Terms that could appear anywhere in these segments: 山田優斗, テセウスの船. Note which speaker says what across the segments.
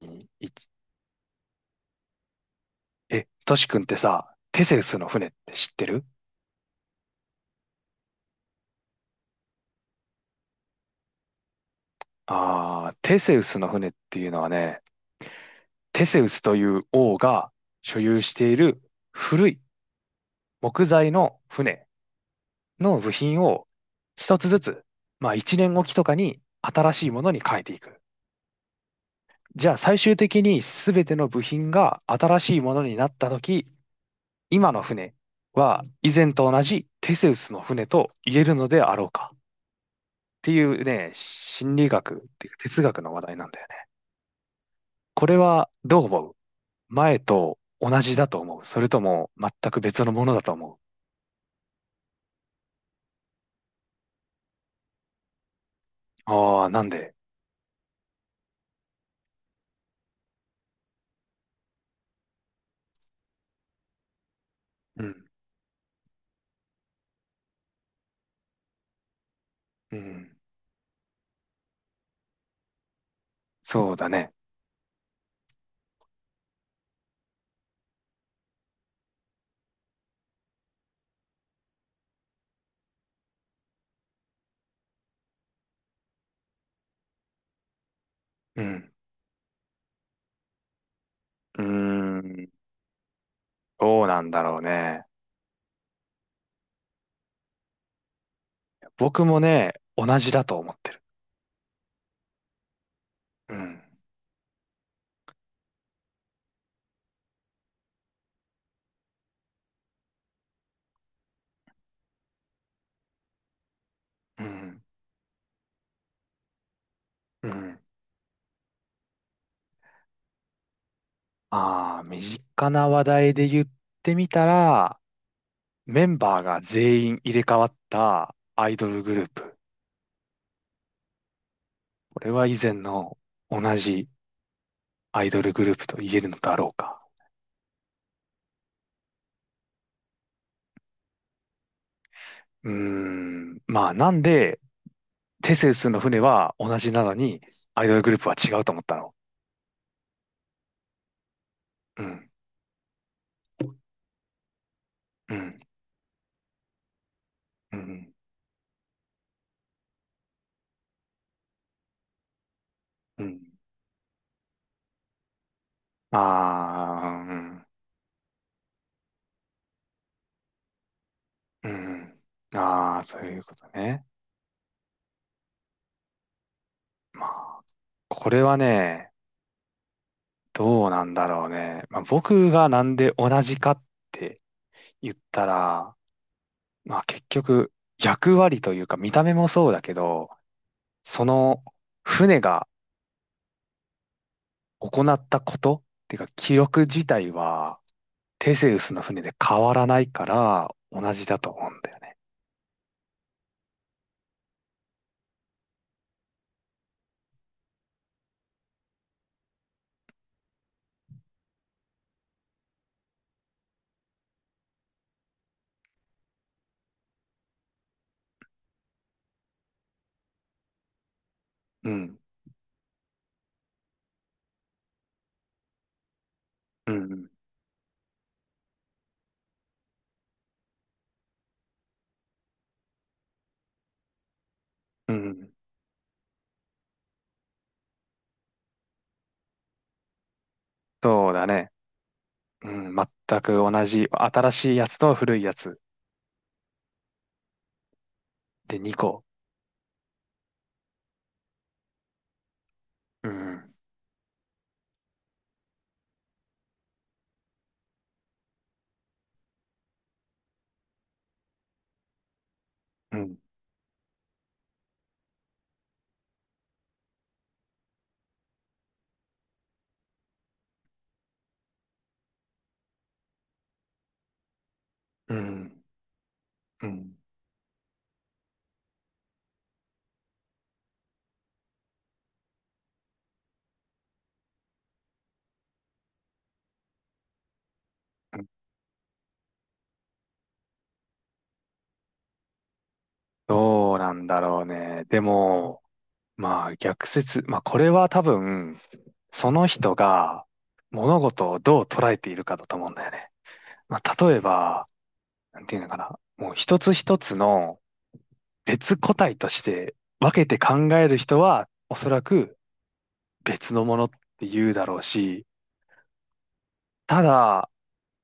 Speaker 1: いつトシ君ってさ、テセウスの船って知ってる？テセウスの船っていうのはね、テセウスという王が所有している古い木材の船の部品を一つずつ、まあ一年おきとかに新しいものに変えていく。じゃあ最終的に全ての部品が新しいものになった時、今の船は以前と同じテセウスの船と言えるのであろうかっていうね、心理学っていうか哲学の話題なんだよね。これはどう思う？前と同じだと思う？それとも全く別のものだと思う？なんで？うん、うん、そうだね。うん、うーん、どうなんだろうね。僕もね、同じだと思ってる。うん、うん、うん。ああ、身近な話題で言ってみたら、メンバーが全員入れ替わったアイドルグループ。これは以前の同じアイドルグループと言えるのだろうか。うーん。まあ、なんで、テセウスの船は同じなのに、アイドルグループは違うと思ったの？うん、うん、うん、うん。ああ、うん、うん。ああ、そういうことね。まあ、これはね、どうなんだろうね。まあ、僕がなんで同じかって言ったら、まあ結局、役割というか見た目もそうだけど、その船が行ったことっていうか記憶自体はテセウスの船で変わらないから同じだと思うんだよね。うん。うん。うん。そうだね。うん。全く同じ。新しいやつと古いやつで2個。うん。うん。うん。うん。うん。どうなんだろうね。でも、まあ逆説。まあこれは多分、その人が物事をどう捉えているかだと思うんだよね。まあ例えば、なんていうのかな。もう一つ一つの別個体として分けて考える人は、おそらく別のものって言うだろうし、ただ、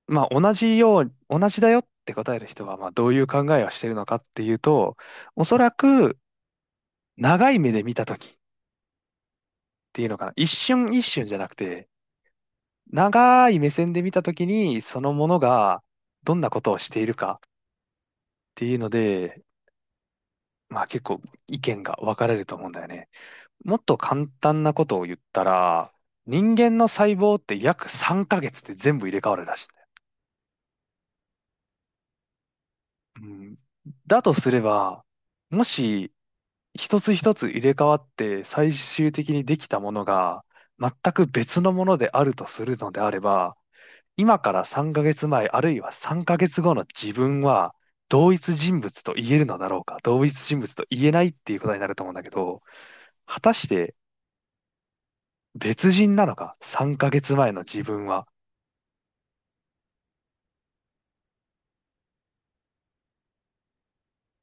Speaker 1: まあ同じよう、同じだよって答える人は、まあどういう考えをしているのかっていうと、おそらく長い目で見たときっていうのかな。一瞬一瞬じゃなくて、長い目線で見たときに、そのものがどんなことをしているかっていうので、まあ結構意見が分かれると思うんだよね。もっと簡単なことを言ったら、人間の細胞って約3ヶ月で全部入れ替わるらしいんだよ。うん。だとすれば、もし一つ一つ入れ替わって最終的にできたものが全く別のものであるとするのであれば、今から3ヶ月前あるいは3ヶ月後の自分は同一人物と言えるのだろうか、同一人物と言えないっていうことになると思うんだけど、果たして別人なのか、3ヶ月前の自分は。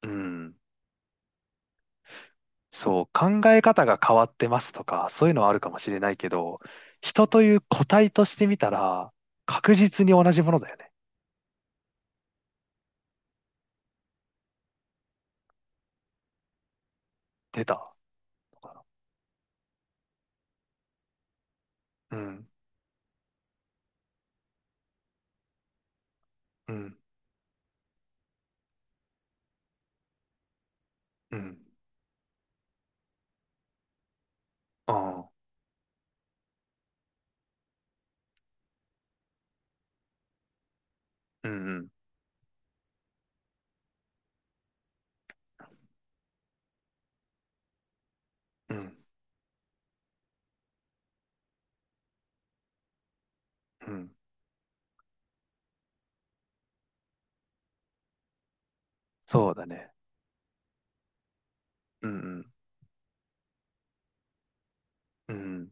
Speaker 1: うん。そう、考え方が変わってますとか、そういうのはあるかもしれないけど、人という個体としてみたら、確実に同じものだよね。出たのかな。うん、うん、うん、あーうん、うん、うん、うん。そうだね。うん、うん、うん。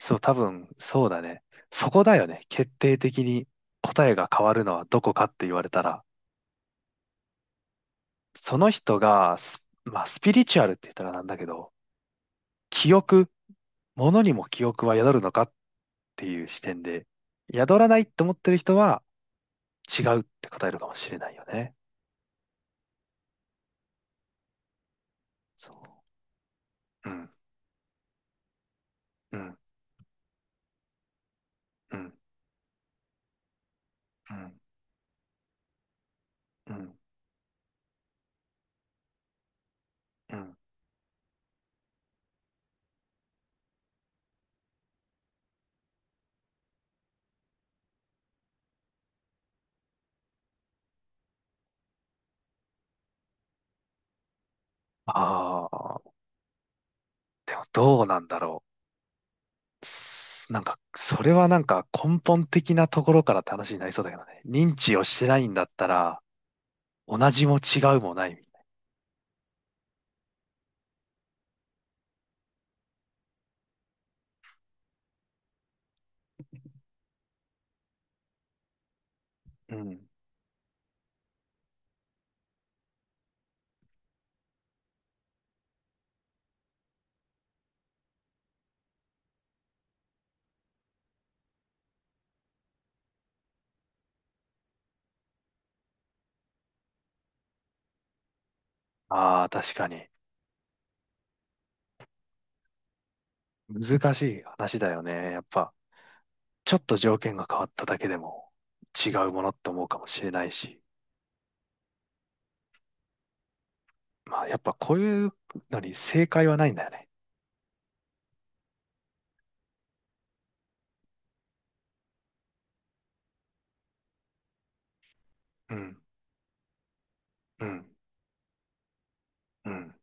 Speaker 1: そう、多分、そうだね。そこだよね。決定的に答えが変わるのはどこかって言われたら、その人がス、まあ、スピリチュアルって言ったらなんだけど、記憶、ものにも記憶は宿るのかっっていう視点で、宿らないって思ってる人は違うって答えるかもしれないよね。そう。うん、うん、うん、うん、うん、うん。ああ、でもどうなんだろう。すなんか、それはなんか根本的なところからって話になりそうだけどね。認知をしてないんだったら、同じも違うもない。うん。ああ、確かに。難しい話だよね。やっぱ、ちょっと条件が変わっただけでも違うものって思うかもしれないし。まあ、やっぱこういうのに正解はないんだよね。うん、うん、うん、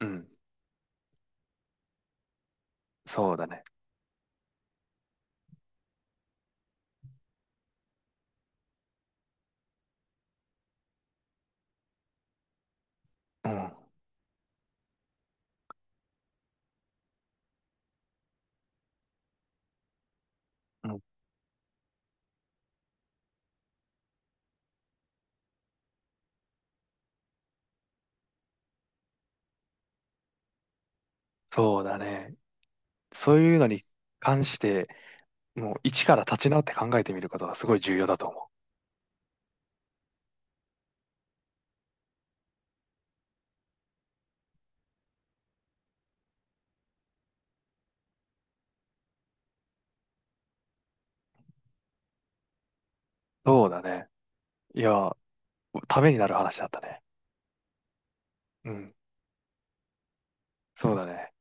Speaker 1: うん。そうだね。うん、うん。そうだね。そういうのに関して、もう一から立ち直って考えてみることがすごい重要だと思う。そうだね。いや、ためになる話だったね。うん、そうだね。